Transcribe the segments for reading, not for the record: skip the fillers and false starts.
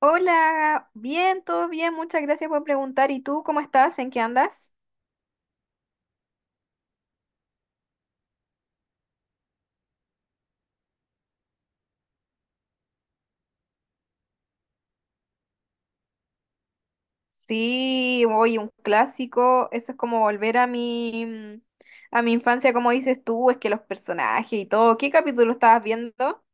Hola, bien, todo bien, muchas gracias por preguntar. ¿Y tú cómo estás? ¿En qué andas? Sí, hoy un clásico, eso es como volver a mi a mi infancia, como dices tú, es que los personajes y todo. ¿Qué capítulo estabas viendo?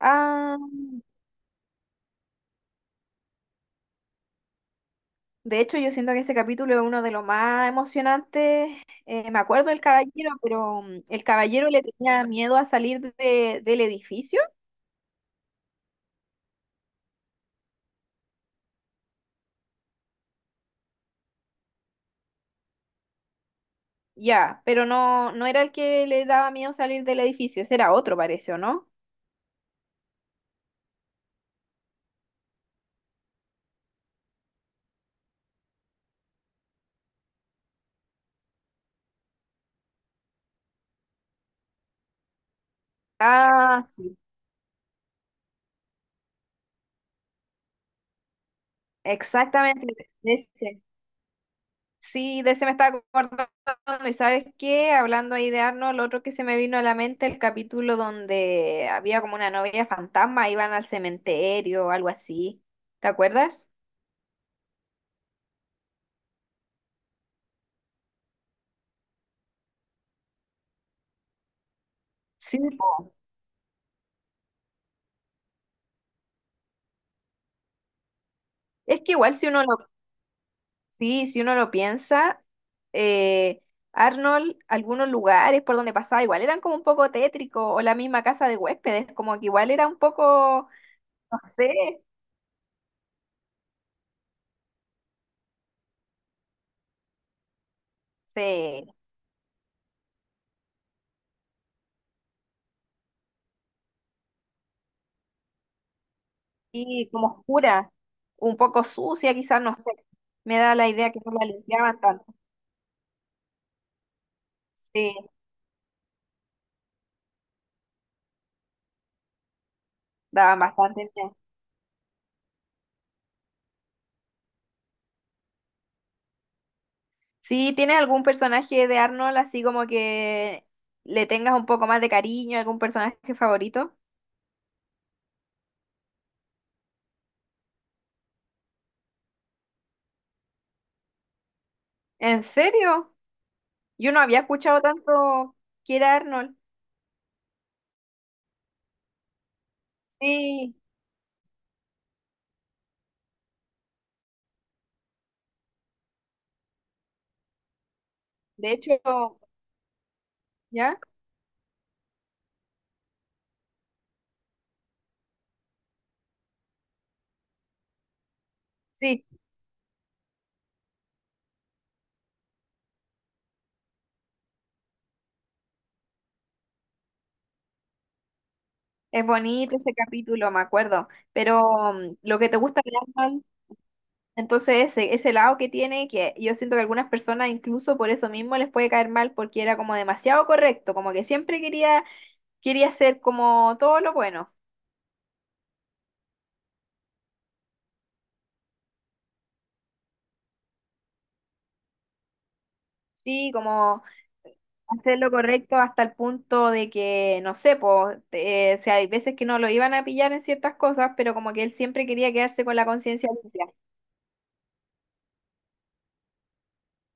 Ah, de hecho, yo siento que ese capítulo es uno de los más emocionantes. Me acuerdo del caballero, pero el caballero le tenía miedo a salir del edificio. Ya, pero no era el que le daba miedo salir del edificio, ese era otro, parece, ¿o no? Ah, sí, exactamente. De ese. Sí, de ese me estaba acordando. ¿Y sabes qué? Hablando ahí de Arnold, lo otro que se me vino a la mente, el capítulo donde había como una novia fantasma, iban al cementerio o algo así. ¿Te acuerdas? Sí, po. Es que igual si uno lo, Sí, si uno lo piensa, eh, Arnold, algunos lugares por donde pasaba, igual eran como un poco tétricos, o la misma casa de huéspedes, como que igual era un poco, no sé, sí. Y como oscura, un poco sucia, quizás, no sé. Me da la idea que no la limpiaban tanto. Sí, daban bastante miedo. Sí, ¿tienes algún personaje de Arnold así como que le tengas un poco más de cariño, algún personaje favorito? ¿En serio? Yo no había escuchado tanto que era Arnold. Sí, de hecho, ¿ya? Sí, es bonito ese capítulo, me acuerdo. Pero lo que te gusta de Arnold. Entonces, ese lado que tiene, que yo siento que algunas personas incluso por eso mismo les puede caer mal porque era como demasiado correcto, como que quería hacer como todo lo bueno, sí, como hacer lo correcto hasta el punto de que, no sé, pues, o sea, hay veces que no lo iban a pillar en ciertas cosas, pero como que él siempre quería quedarse con la conciencia limpia.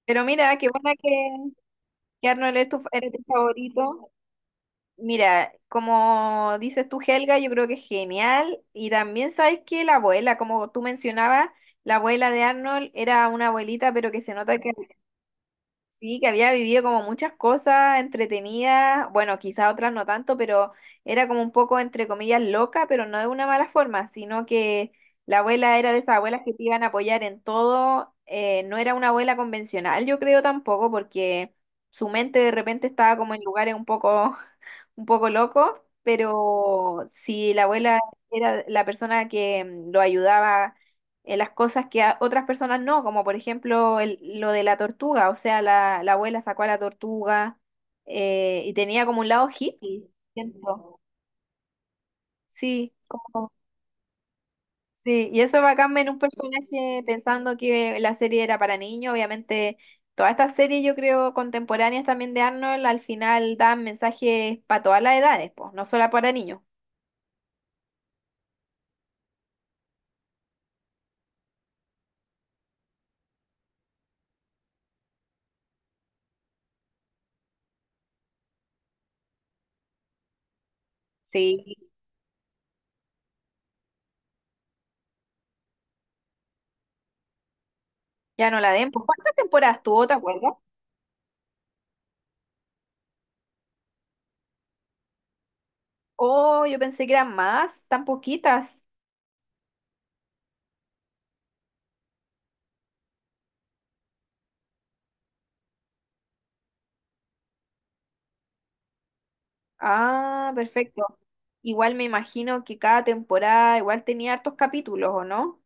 Pero mira, que Arnold es eres tu favorito. Mira, como dices tú, Helga, yo creo que es genial. Y también sabes que la abuela, como tú mencionabas, la abuela de Arnold era una abuelita, pero que se nota que sí, que había vivido como muchas cosas entretenidas. Bueno, quizás otras no tanto, pero era como un poco, entre comillas, loca, pero no de una mala forma, sino que la abuela era de esas abuelas que te iban a apoyar en todo. No era una abuela convencional, yo creo tampoco, porque su mente de repente estaba como en lugares un poco loco, pero si la abuela era la persona que lo ayudaba en las cosas que a otras personas no, como por ejemplo lo de la tortuga, o sea, la abuela sacó a la tortuga y tenía como un lado hippie, siento. Sí, como- sí, y eso bacán en un personaje pensando que la serie era para niños, obviamente. Todas estas series, yo creo, contemporáneas también de Arnold, al final dan mensajes para todas las edades, pues, no solo para niños. Sí, ya no la den. ¿Por cuántas temporadas tuvo, te acuerdas? Oh, yo pensé que eran más, tan poquitas. Ah, perfecto. Igual me imagino que cada temporada igual tenía hartos capítulos, ¿o no?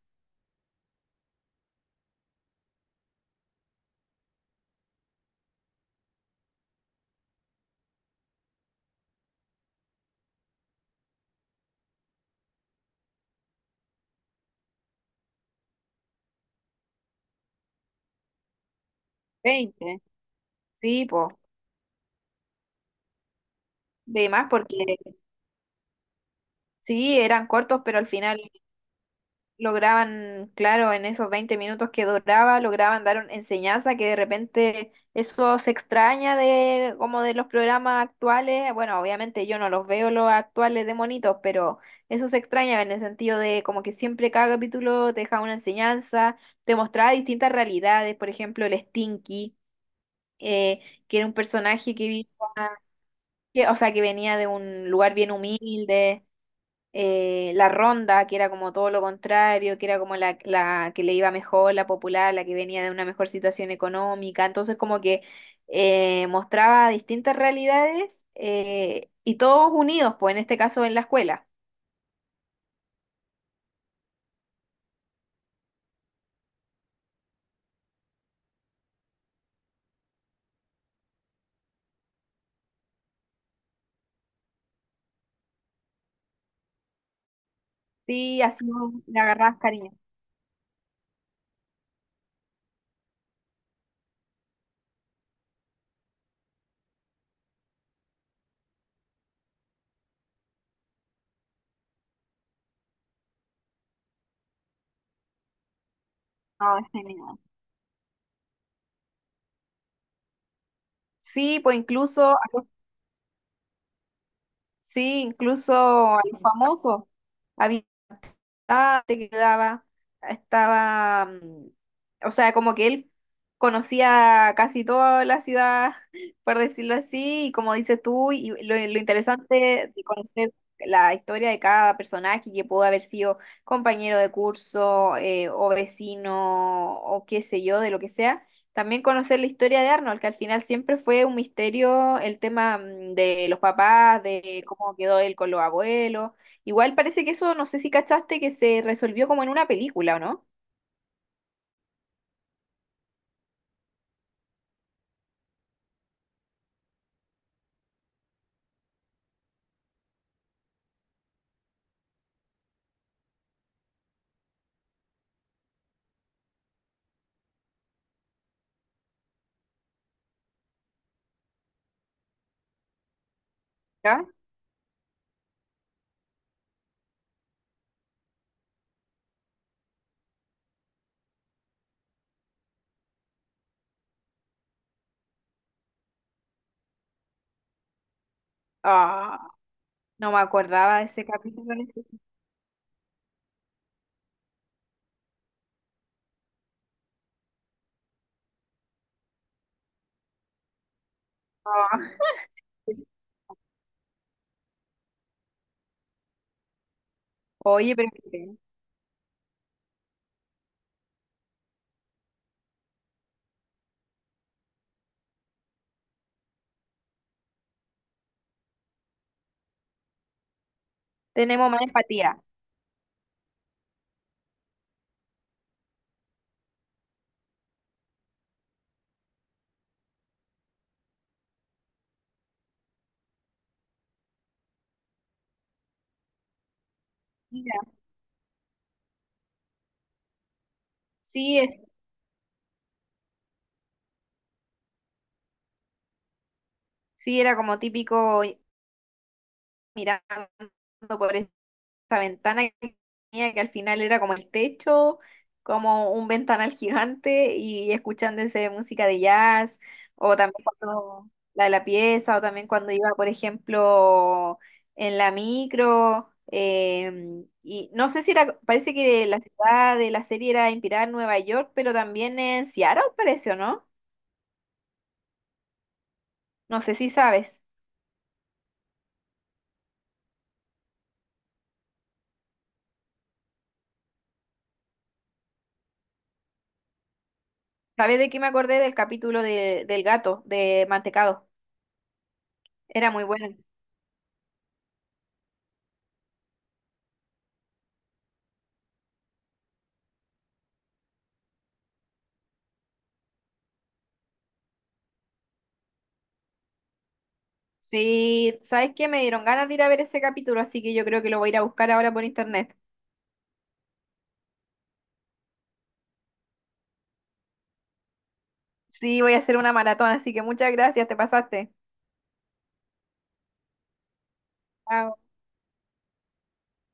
20. Sí, pues. De más, porque sí, eran cortos, pero al final lograban, claro, en esos 20 minutos que duraba, lograban dar una enseñanza que de repente eso se extraña de como de los programas actuales. Bueno, obviamente yo no los veo los actuales de monitos, pero eso se extraña en el sentido de como que siempre cada capítulo te deja una enseñanza, te mostraba distintas realidades, por ejemplo, el Stinky, eh, que era un personaje o sea, que venía de un lugar bien humilde la ronda, que era como todo lo contrario, que era como la que le iba mejor, la popular, la que venía de una mejor situación económica. Entonces, como que mostraba distintas realidades y todos unidos, pues en este caso en la escuela. Sí, así le agarrabas cariño. No, es genial. Sí, pues incluso, a los- sí, incluso a los famosos. Había. estaba, te quedaba, estaba, mm, o sea, como que él conocía casi toda la ciudad, por decirlo así, y como dices tú, y lo interesante de conocer la historia de cada personaje que pudo haber sido compañero de curso, o vecino, o qué sé yo, de lo que sea. También conocer la historia de Arnold, que al final siempre fue un misterio el tema de los papás, de cómo quedó él con los abuelos. Igual parece que eso, no sé si cachaste, que se resolvió como en una película, ¿o no? ¿Ya? Ah, no me acordaba de ese capítulo. Ah. Oye, pero mire, tenemos más empatía. Mira, sí, es- sí era como típico mirando por esa ventana que tenía, que al final era como el techo, como un ventanal gigante y escuchándose música de jazz, o también cuando, la de la pieza, o también cuando iba, por ejemplo, en la micro. Y no sé si era, parece que la ciudad de la serie era inspirada en Nueva York, pero también en Seattle, parece, ¿o no? No sé si sabes. ¿Sabes de qué me acordé del capítulo del gato, de Mantecado? Era muy bueno. Sí, ¿sabes qué? Me dieron ganas de ir a ver ese capítulo, así que yo creo que lo voy a ir a buscar ahora por internet. Sí, voy a hacer una maratón, así que muchas gracias, te pasaste. Chao.